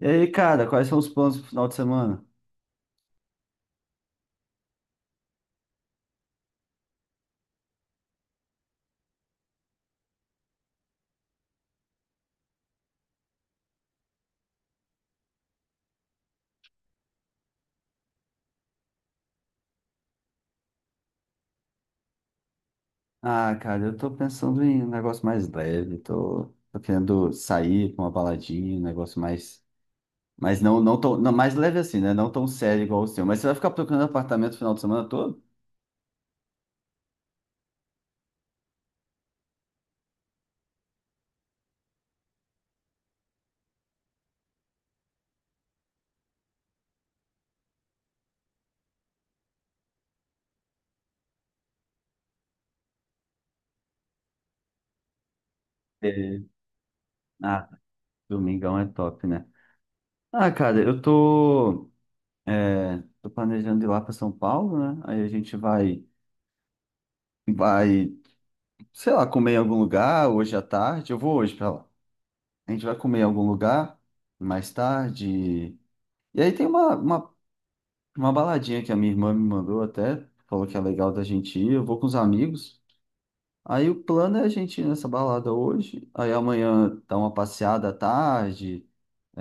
E aí, cara, quais são os planos pro final de semana? Ah, cara, eu tô pensando em um negócio mais leve, tô querendo sair pra uma baladinha, um negócio mais. Mas não, não tão. Não, mais leve assim, né? Não tão sério igual o seu. Mas você vai ficar procurando apartamento o final de semana todo? É. Ah, domingão é top, né? Ah, cara, eu tô. Tô planejando ir lá para São Paulo, né? Aí a gente vai. Vai, sei lá, comer em algum lugar hoje à tarde. Eu vou hoje para lá. A gente vai comer em algum lugar mais tarde. E aí tem uma baladinha que a minha irmã me mandou até, falou que é legal da gente ir, eu vou com os amigos. Aí o plano é a gente ir nessa balada hoje, aí amanhã dar uma passeada à tarde,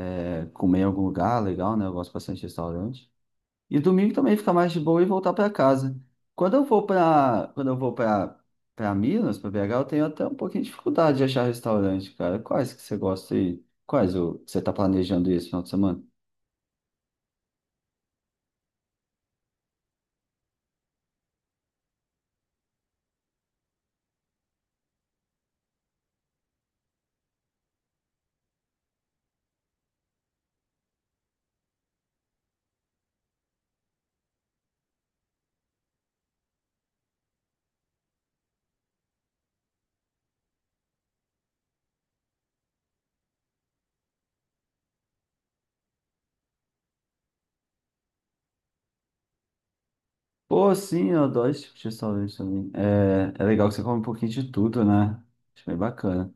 comer em algum lugar legal, né? Eu gosto bastante de restaurante. E domingo também ficar mais de boa e voltar para casa. Quando eu vou para para Minas, para BH, eu tenho até um pouquinho de dificuldade de achar restaurante, cara. Quais que você gosta aí? Que você tá planejando esse final de semana? Pô, sim, eu adoro esse tipo de restaurante também. É, é legal que você come um pouquinho de tudo, né? Acho bem bacana.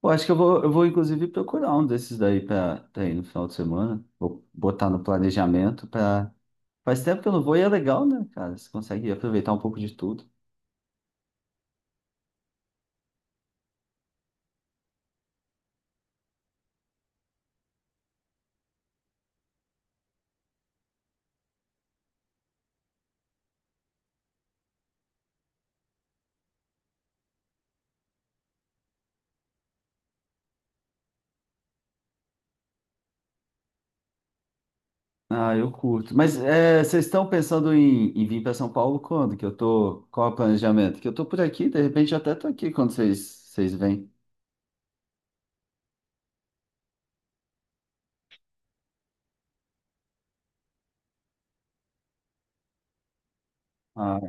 Pô, acho que eu vou inclusive procurar um desses daí pra ir no final de semana. Vou botar no planejamento pra... Faz tempo que eu não vou e é legal, né, cara? Você consegue aproveitar um pouco de tudo. Ah, eu curto. Mas é, vocês estão pensando em, em vir para São Paulo quando? Que eu tô... Qual é o planejamento? Que eu tô por aqui, de repente eu até tô aqui quando vocês vêm. Ah,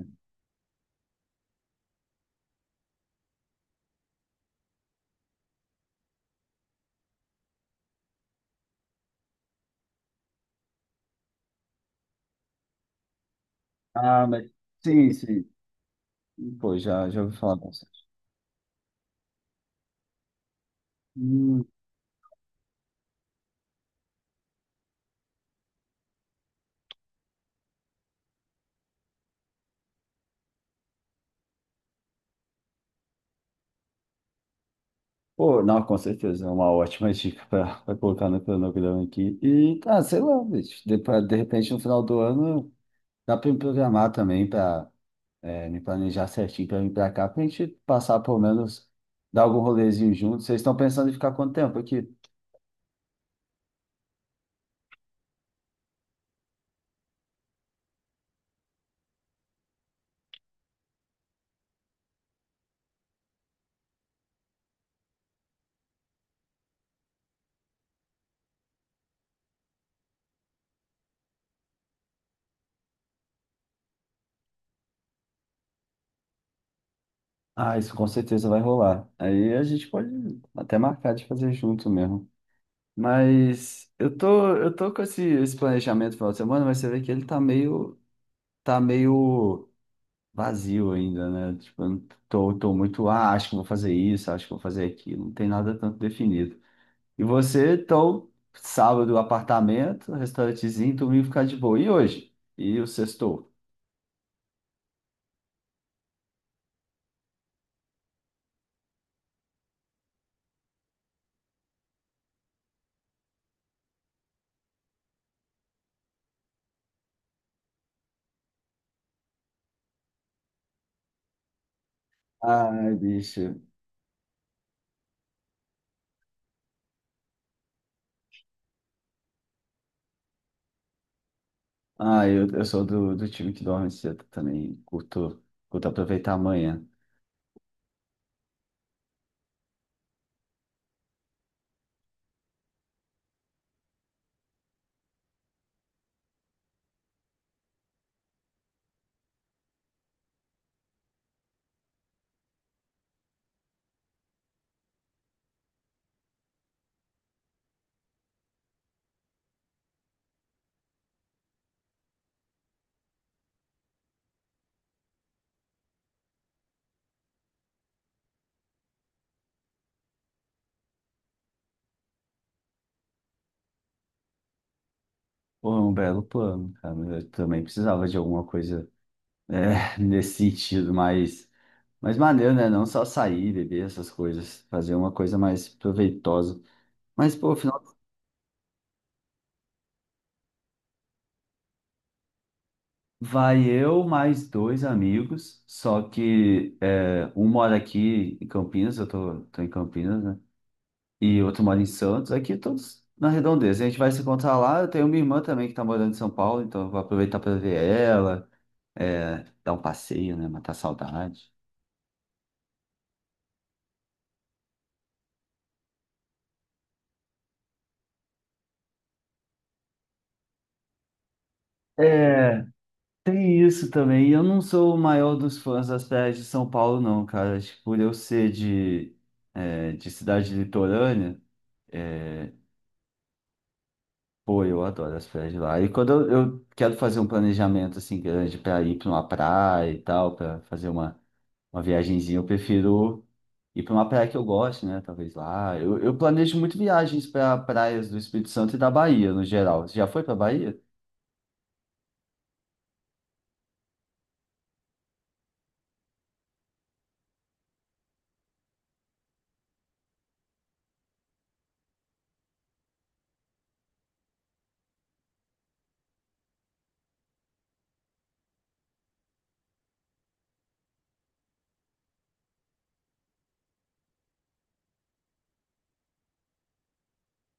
ah, mas sim, sim. Pô, já ouvi falar bastante. Hum. Pô, não, com certeza, é uma ótima dica para colocar no cronograma aqui. E, ah, sei lá, bicho, de repente no final do ano dá para me programar também para me planejar certinho para vir para cá, para a gente passar pelo menos, dar algum rolezinho junto. Vocês estão pensando em ficar quanto tempo aqui? Ah, isso com certeza vai rolar. Aí a gente pode até marcar de fazer junto mesmo. Mas eu tô com esse planejamento no final de semana, mas você vê que ele tá tá meio vazio ainda, né? Tipo, eu não tô, tô muito, ah, acho que vou fazer isso, acho que vou fazer aquilo. Não tem nada tanto definido. E você, então, sábado, apartamento, restaurantezinho, domingo ficar de boa. E hoje? E o sextou? Ai, bicho. Ah, eu sou do time que dorme cedo também. Curto aproveitar amanhã. Pô, é um belo plano, cara. Eu também precisava de alguma coisa é, nesse sentido, mas maneiro, né? Não só sair, beber essas coisas. Fazer uma coisa mais proveitosa. Mas, pô, final vai eu mais dois amigos, só que é, um mora aqui em Campinas, tô em Campinas, né? E outro mora em Santos, aqui todos na redondeza. A gente vai se encontrar lá, eu tenho minha irmã também que tá morando em São Paulo, então eu vou aproveitar para ver ela, é, dar um passeio, né? Matar a saudade. É, tem isso também. E eu não sou o maior dos fãs das praias de São Paulo, não, cara. Acho que por eu ser de, é, de cidade litorânea, é, pô, eu adoro as praias de lá. E quando eu quero fazer um planejamento assim grande para ir para uma praia e tal, para fazer uma viagenzinha, eu prefiro ir para uma praia que eu gosto, né? Talvez lá. Eu planejo muito viagens para praias do Espírito Santo e da Bahia, no geral. Você já foi para Bahia?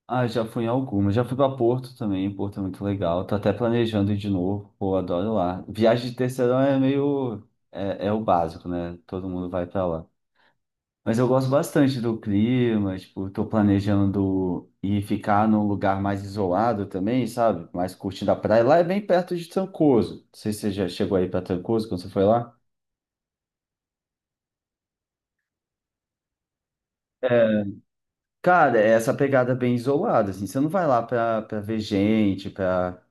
Ah, já fui em algumas. Já fui para Porto também. Porto é muito legal. Tô até planejando ir de novo. Pô, adoro lá. Viagem de terceirão é meio. É, é o básico, né? Todo mundo vai para lá. Mas eu gosto bastante do clima, tipo, tô planejando ir ficar num lugar mais isolado também, sabe? Mais curtindo a praia. Lá é bem perto de Trancoso. Não sei se você já chegou aí pra Trancoso quando você foi lá. Cara, é essa pegada bem isolada, assim. Você não vai lá pra ver gente, pra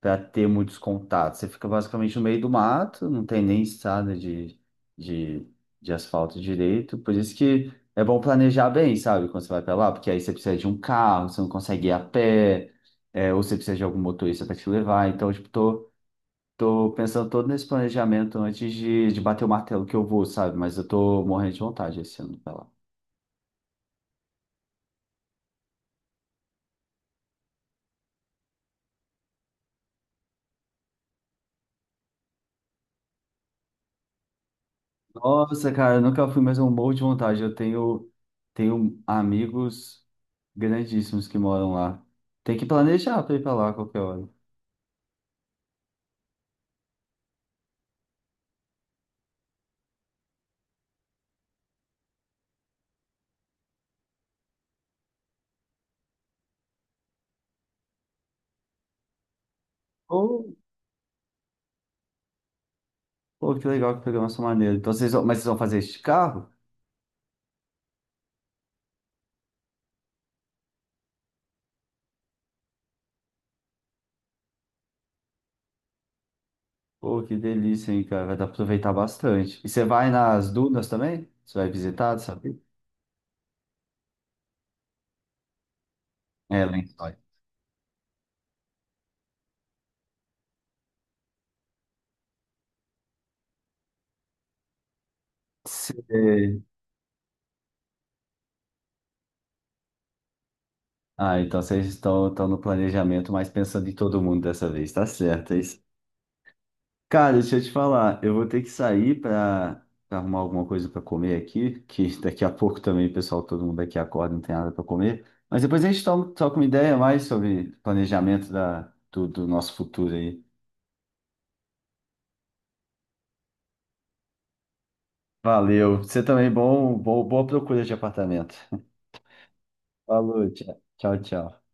para ter muitos contatos. Você fica basicamente no meio do mato, não tem nem estrada de, de asfalto direito. Por isso que é bom planejar bem, sabe, quando você vai para lá, porque aí você precisa de um carro, você não consegue ir a pé, é, ou você precisa de algum motorista para te levar. Então, tipo, tô, tô pensando todo nesse planejamento antes de bater o martelo que eu vou, sabe? Mas eu tô morrendo de vontade esse ano para lá. Nossa, cara, eu nunca fui, mas é um morro de vontade. Tenho amigos grandíssimos que moram lá. Tem que planejar para ir para lá a qualquer hora. Ou, pô, que legal, que programação maneira. Então, vocês vão, mas vocês vão fazer este carro? Pô, que delícia, hein, cara. Vai dar pra aproveitar bastante. E você vai nas dunas também? Você vai visitar, sabe? É, Lençóis. Você- Ah, então estão no planejamento, mas pensando em todo mundo dessa vez, tá certo. É isso? Cara, deixa eu te falar, eu vou ter que sair para arrumar alguma coisa para comer aqui, que daqui a pouco também, pessoal, todo mundo aqui acorda, não tem nada para comer. Mas depois a gente troca uma ideia mais sobre planejamento do nosso futuro aí. Valeu. Você também, bom, boa procura de apartamento. Falou, tchau.